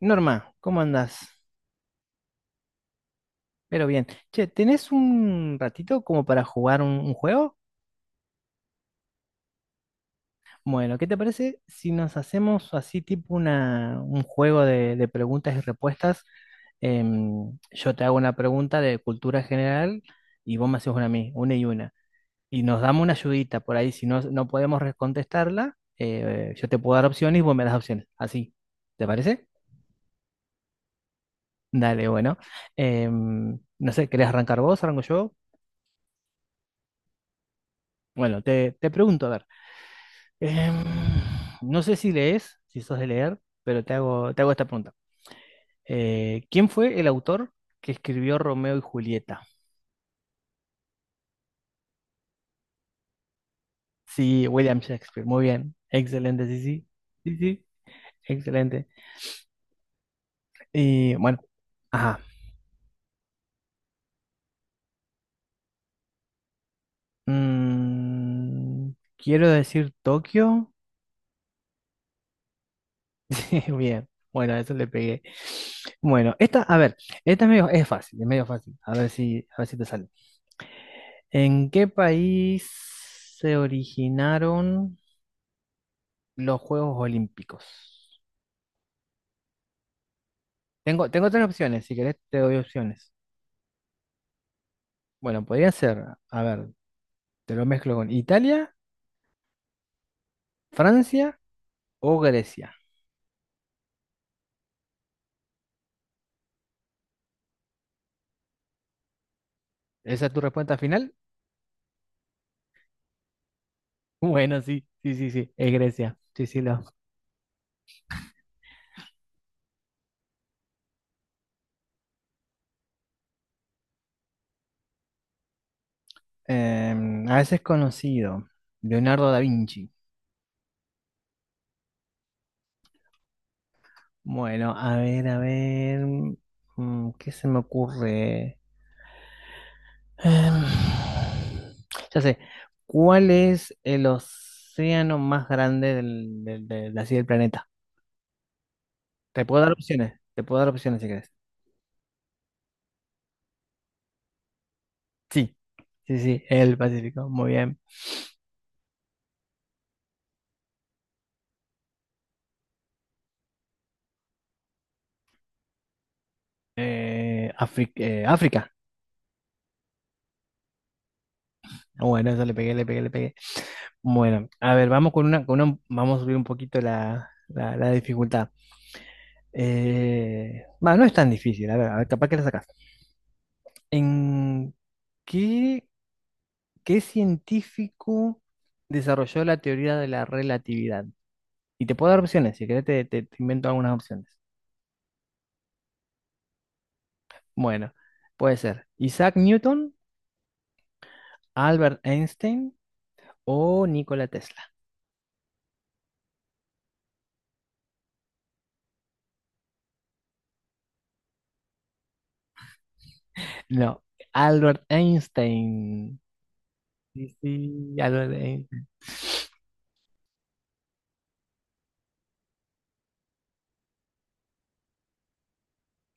Norma, ¿cómo andás? Pero bien. Che, ¿tenés un ratito como para jugar un juego? Bueno, ¿qué te parece si nos hacemos así tipo un juego de preguntas y respuestas? Yo te hago una pregunta de cultura general y vos me haces una a mí, una. Y nos damos una ayudita por ahí. Si no, no podemos contestarla, yo te puedo dar opciones y vos me das opciones. Así, ¿te parece? Dale, bueno. No sé, ¿querés arrancar vos? ¿Arranco yo? Bueno, te pregunto, a ver. Em, no sé si lees, si sos de leer, pero te hago esta pregunta. ¿Quién fue el autor que escribió Romeo y Julieta? Sí, William Shakespeare. Muy bien. Excelente, sí, sí. Sí, sí. Excelente. Y bueno, ajá. Mm, quiero decir Tokio. Sí, bien. Bueno, a eso le pegué. Bueno, esta, a ver, esta es medio, es fácil, es medio fácil. A ver si te sale. ¿En qué país se originaron? Los Juegos Olímpicos. Tengo, tengo tres opciones, si querés te doy opciones. Bueno, podrían ser, a ver, te lo mezclo con Italia, Francia o Grecia. ¿Esa es tu respuesta final? Bueno, sí, sí, sí, sí, es Grecia. Sí, sí, lo. A veces conocido, Leonardo da Vinci. Bueno, a ver, mm, ¿qué se me ocurre? Em, ya sé, ¿cuál es el océano más grande así del planeta? Te puedo dar opciones, te puedo dar opciones si quieres. Sí, sí, sí, el Pacífico, muy bien. África. Bueno, eso le pegué, le pegué, le pegué. Bueno, a ver, vamos con vamos a subir un poquito la dificultad. No es tan difícil, a ver, capaz que la sacas. ¿En qué, ¿Qué científico desarrolló la teoría de la relatividad? Y te puedo dar opciones, si querés te invento algunas opciones. Bueno, puede ser Isaac Newton, Albert Einstein o Nikola Tesla. No, Albert Einstein. Sí, sí, Albert Einstein.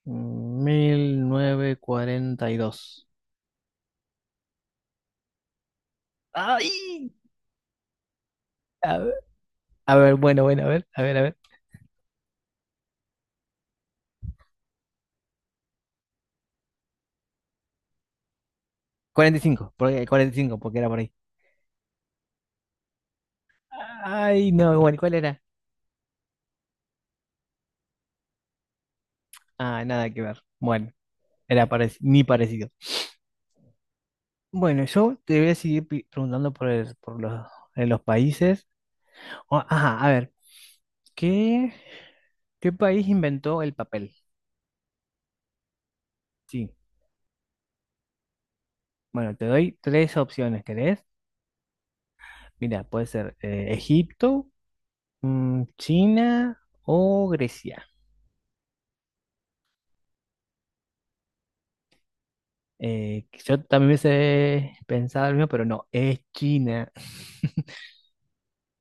1942. ¡Ay! A ver, a ver, bueno, bueno, a ver, a ver, a ver. 45, porque, 45, porque era por ahí. Ay, no, bueno, ¿cuál era? Ah, nada que ver. Bueno, era ni parecido. Bueno, yo te voy a seguir preguntando por, por los, en los países. Ajá, a ver, ¿qué, ¿qué país inventó el papel? Sí. Bueno, te doy tres opciones, ¿querés? Mira, puede ser Egipto, mm, China o Grecia. Yo también hubiese pensado lo mismo, pero no, es China.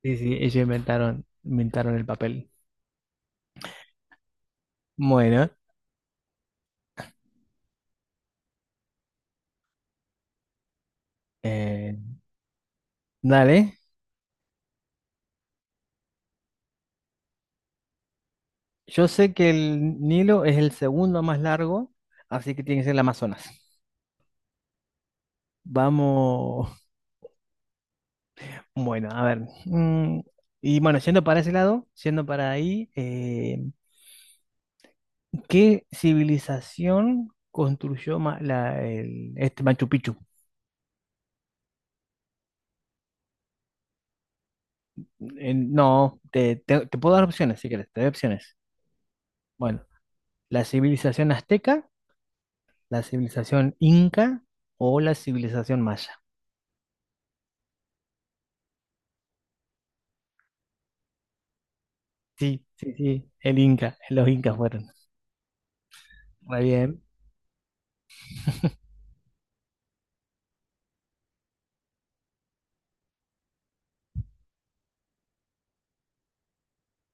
Sí, sí, inventaron el papel. Bueno, eh, dale. Yo sé que el Nilo es el segundo más largo, así que tiene que ser el Amazonas. Vamos, bueno, a ver. Mm, y bueno, yendo para ese lado, yendo para ahí, ¿qué civilización construyó Machu Picchu? No, te puedo dar opciones si quieres, te doy opciones. Bueno, la civilización azteca, la civilización inca o la civilización maya. Sí, sí, sí, el inca, los incas fueron. Muy bien.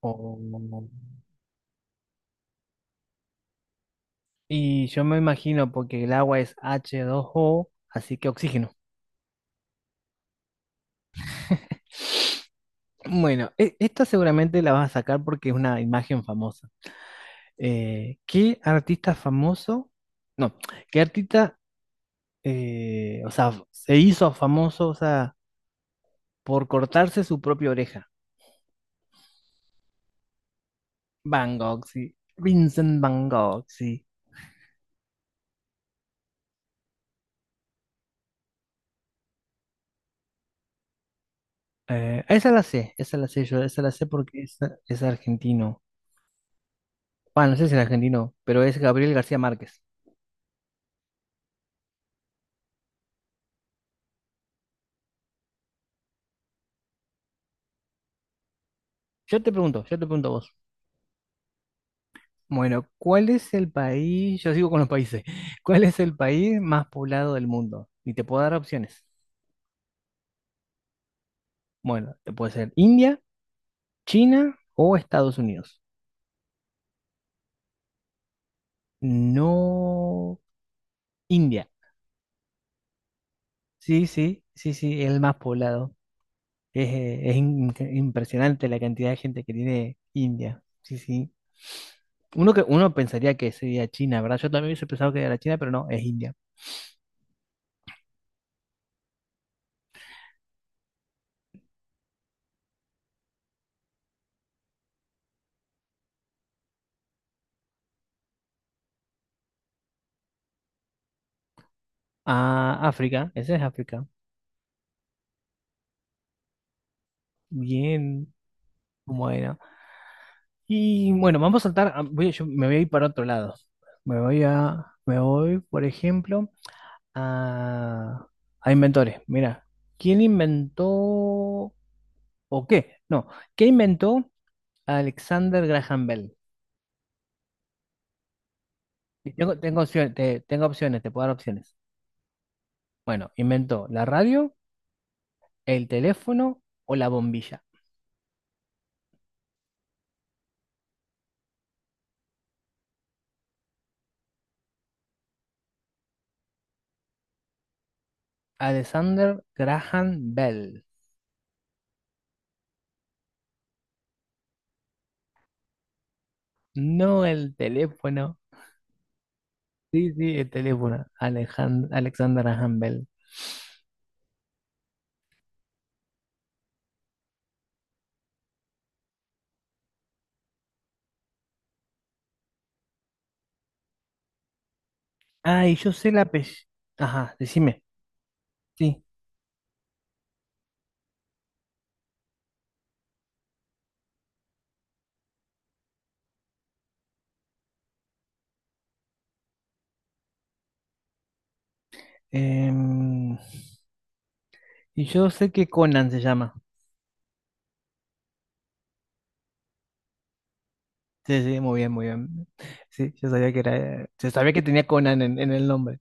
O- y yo me imagino porque el agua es H2O, así que oxígeno. Bueno, esta seguramente la vas a sacar porque es una imagen famosa. ¿Qué artista famoso? No, ¿Qué artista, o sea, se hizo famoso, o sea, por cortarse su propia oreja? Van Gogh, sí. Vincent Van Gogh, sí. Esa la sé, esa la sé yo, esa la sé porque es argentino. Bueno, no sé si es argentino, pero es Gabriel García Márquez. Yo te pregunto a vos. Bueno, ¿cuál es el país? Yo sigo con los países. ¿Cuál es el país más poblado del mundo? Y te puedo dar opciones. Bueno, te puede ser India, China o Estados Unidos. No, India. Sí, sí, sí, sí, el más poblado. Es, impresionante la cantidad de gente que tiene India. Sí, sí. Uno pensaría que sería China, ¿verdad? Yo también hubiese pensado que era China, pero no, es India. Ah, África, ese es África. Bien, bueno. Y bueno, vamos a saltar, yo me voy a ir para otro lado. Me voy, por ejemplo. A, a inventores. Mira, ¿quién inventó o qué? No, ¿qué inventó Alexander Graham Bell? Tengo opciones, tengo opciones, te puedo dar opciones. Bueno, inventó la radio, el teléfono o la bombilla. Alexander Graham Bell. No el teléfono. Sí, sí, el teléfono. Alexander Graham Bell. Ah, y yo sé la apellido. Ajá, decime. Sí. em, y yo sé que Conan se llama. Sí, sí, muy bien, muy bien. Sí, yo sabía que tenía Conan en el nombre.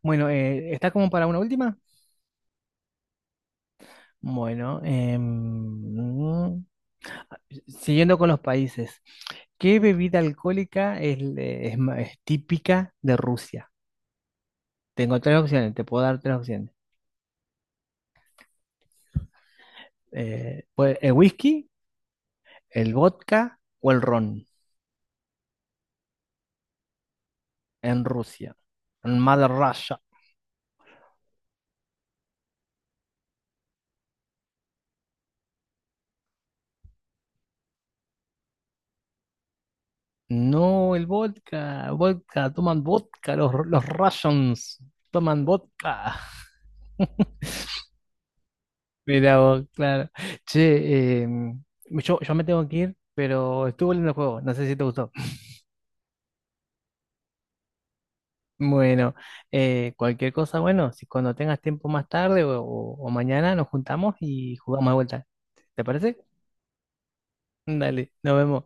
Bueno, ¿está como para una última? Bueno, siguiendo con los países, ¿qué bebida alcohólica es típica de Rusia? Tengo tres opciones, te puedo dar tres opciones. Pues, el whisky, el vodka o el ron en Rusia, en Mother Russia. No, el vodka, vodka, toman vodka, los Russians toman vodka. Mira vos, claro. Che, yo, yo me tengo que ir, pero estuvo lindo el juego, no sé si te gustó. Bueno, cualquier cosa, bueno, si cuando tengas tiempo más tarde o, o mañana nos juntamos y jugamos de vuelta. ¿Te parece? Dale, nos vemos.